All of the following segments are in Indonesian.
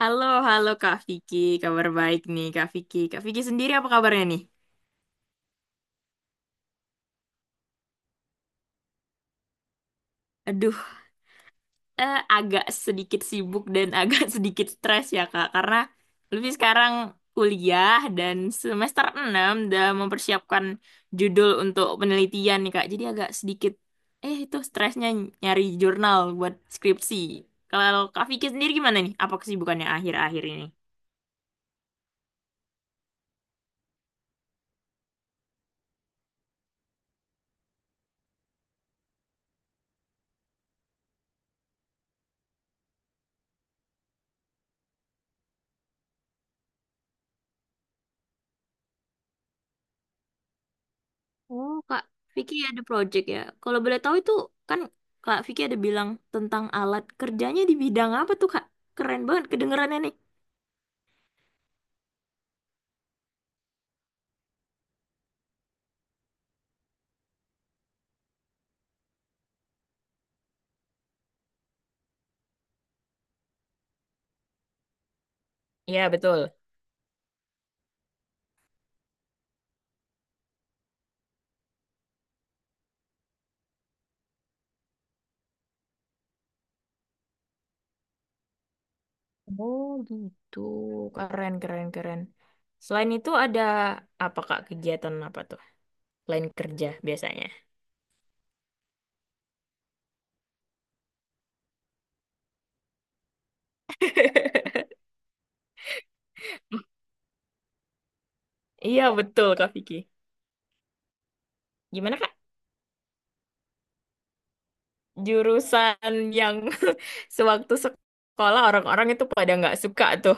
Halo, halo Kak Vicky. Kabar baik nih Kak Vicky. Kak Vicky sendiri apa kabarnya nih? Aduh, agak sedikit sibuk dan agak sedikit stres ya Kak. Karena lebih sekarang kuliah dan semester 6 udah mempersiapkan judul untuk penelitian nih Kak. Jadi agak sedikit, itu stresnya nyari jurnal buat skripsi. Kalau Kak Vicky sendiri gimana nih? Apa kesibukannya akhir-akhir ini? Oh, Kak Vicky ada project ya. Kalau boleh tahu itu kan Kak Vicky ada bilang tentang alat kerjanya di bidang apa tuh, Kak? Keren banget kedengerannya nih. Iya, betul. Oh, gitu. Keren, keren, keren. Selain itu ada apa, Kak, kegiatan apa tuh? Selain kerja biasanya. Iya, betul, Kak Vicky. Gimana, Kak? Jurusan yang sewaktu sekolah orang-orang itu pada nggak suka tuh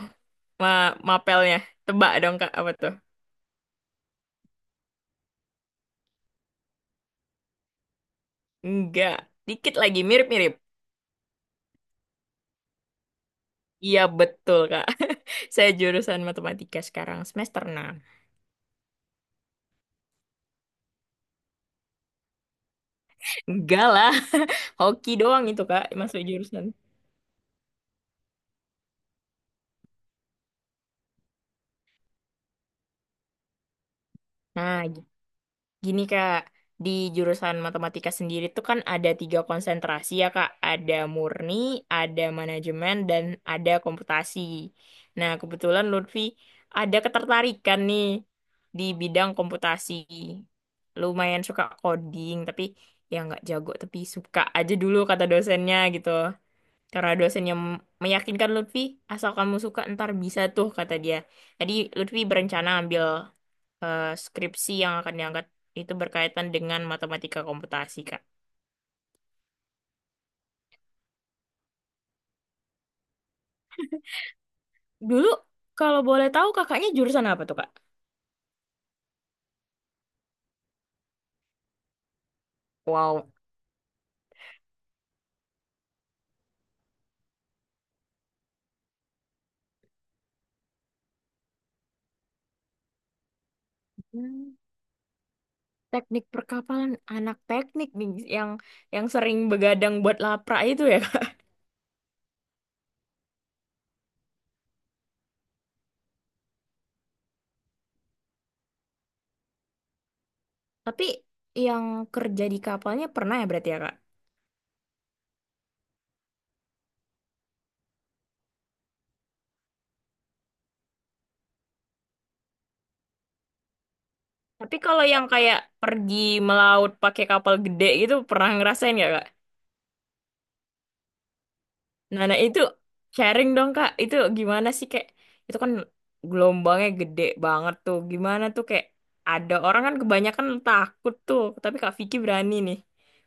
ma mapelnya. Tebak dong, Kak, apa tuh? Enggak, dikit lagi mirip-mirip. Iya betul Kak. Saya jurusan matematika sekarang semester 6. Enggak lah, hoki doang itu Kak masuk jurusan. Nah, gitu. Gini Kak, di jurusan matematika sendiri tuh kan ada tiga konsentrasi ya Kak. Ada murni, ada manajemen, dan ada komputasi. Nah, kebetulan Lutfi ada ketertarikan nih di bidang komputasi. Lumayan suka coding, tapi ya nggak jago, tapi suka aja dulu kata dosennya gitu. Karena dosennya meyakinkan Lutfi, asal kamu suka ntar bisa tuh kata dia. Tadi Lutfi berencana ambil skripsi yang akan diangkat itu berkaitan dengan matematika komputasi, Kak. Dulu, kalau boleh tahu kakaknya jurusan apa tuh, Kak? Wow. Hmm, teknik perkapalan anak teknik nih yang yang sering begadang buat lapra itu ya, Kak. Tapi yang kerja di kapalnya pernah ya berarti ya, Kak? Tapi kalau yang kayak pergi melaut pakai kapal gede gitu pernah ngerasain nggak, Kak? Nah, nah itu sharing dong Kak. Itu gimana sih kayak itu kan gelombangnya gede banget tuh. Gimana tuh kayak ada orang kan kebanyakan takut tuh, tapi Kak Vicky berani nih.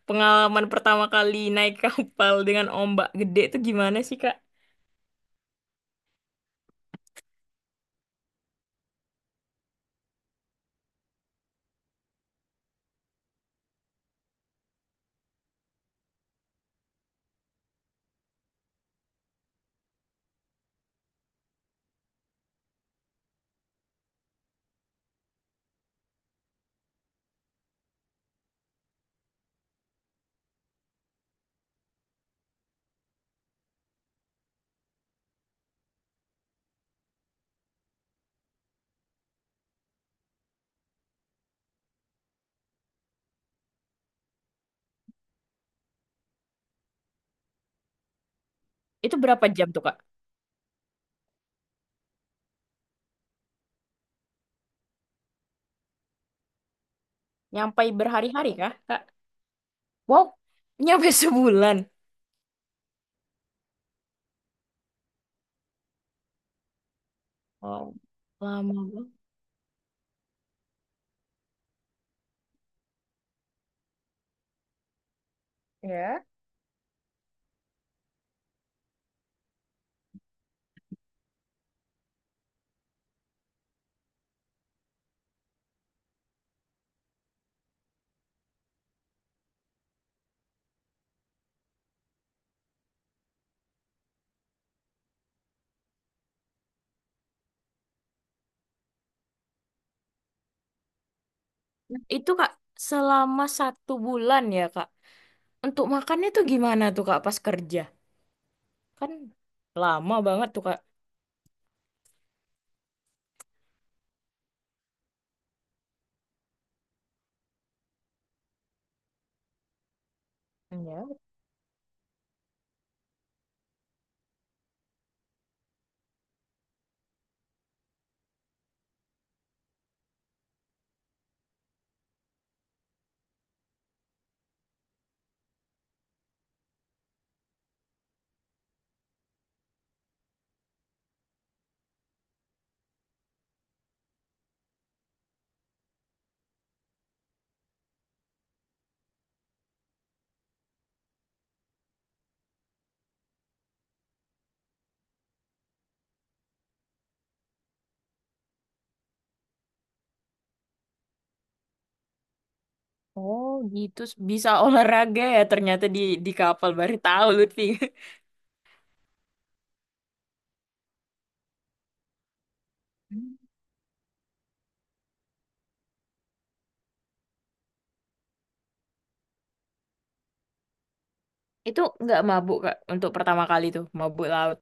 Pengalaman pertama kali naik kapal dengan ombak gede itu gimana sih Kak? Itu berapa jam tuh Kak? Nyampai berhari-hari kah Kak? Wow, nyampe sebulan. Wow, lama banget. Ya. Nah, itu Kak selama satu bulan ya Kak. Untuk makannya tuh gimana tuh Kak pas kerja? Kan lama banget tuh, Kak. Ya. Oh, gitu. Bisa olahraga ya ternyata di kapal. Baru tahu Lutfi. Hmm. Itu nggak mabuk, Kak, untuk pertama kali tuh, mabuk laut.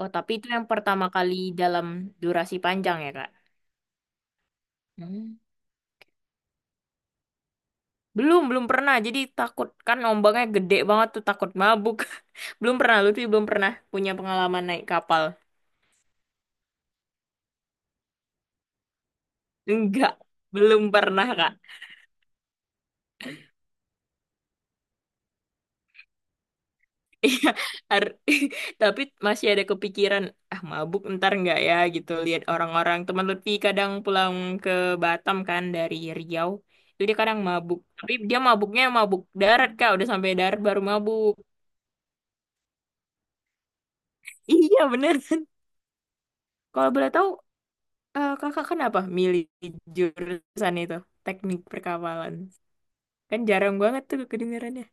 Oh, tapi itu yang pertama kali dalam durasi panjang ya, Kak? Hmm. Belum, belum pernah. Jadi takut kan ombaknya gede banget tuh, takut mabuk. Belum pernah, Lutfi belum pernah punya pengalaman naik kapal. Enggak, belum pernah, Kak. Iya, har- tapi masih ada kepikiran, ah mabuk ntar nggak ya gitu. Lihat orang-orang teman Lutfi kadang pulang ke Batam kan dari Riau, itu dia kadang mabuk. Tapi dia mabuknya mabuk darat kak, udah sampai darat baru mabuk. Iya bener. Kalau boleh tahu, kakak kenapa milih jurusan itu, teknik perkapalan? Kan jarang banget tuh kedengarannya.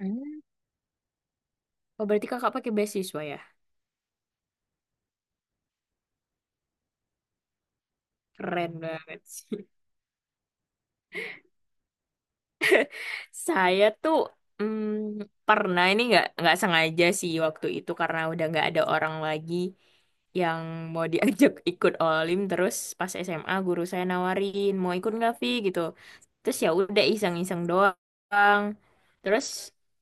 Hmm. Oh berarti kakak pakai beasiswa ya? Keren banget. Saya tuh mm, pernah ini nggak sengaja sih waktu itu karena udah nggak ada orang lagi yang mau diajak ikut olim terus pas SMA guru saya nawarin mau ikut nggak Vi gitu terus ya udah iseng-iseng doang terus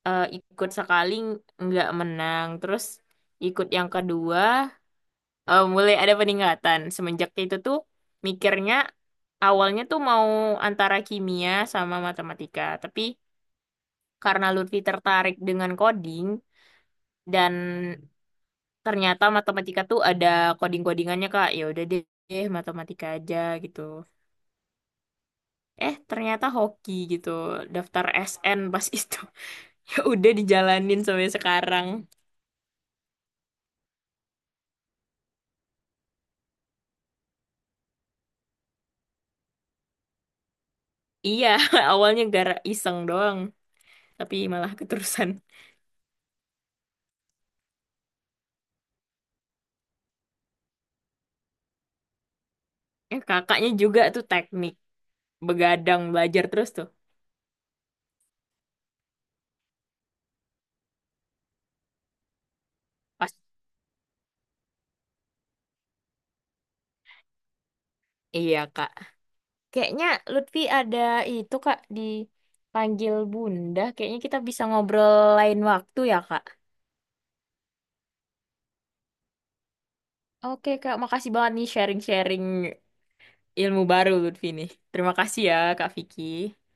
ikut sekali nggak menang terus ikut yang kedua mulai ada peningkatan semenjak itu tuh mikirnya awalnya tuh mau antara kimia sama matematika tapi karena Lutfi tertarik dengan coding dan ternyata matematika tuh ada coding-codingannya Kak. Ya udah deh, matematika aja gitu. Eh, ternyata hoki gitu. Daftar SN pas itu. Ya udah dijalanin sampai sekarang. Iya, awalnya gara iseng doang, tapi malah keterusan. Eh, kakaknya juga tuh teknik begadang belajar terus tuh. Pas iya, Kak. Kayaknya Lutfi ada itu Kak dipanggil Bunda. Kayaknya kita bisa ngobrol lain waktu ya Kak. Oke Kak, makasih banget nih sharing-sharing ilmu baru Lutfi nih. Terima kasih ya Kak Vicky.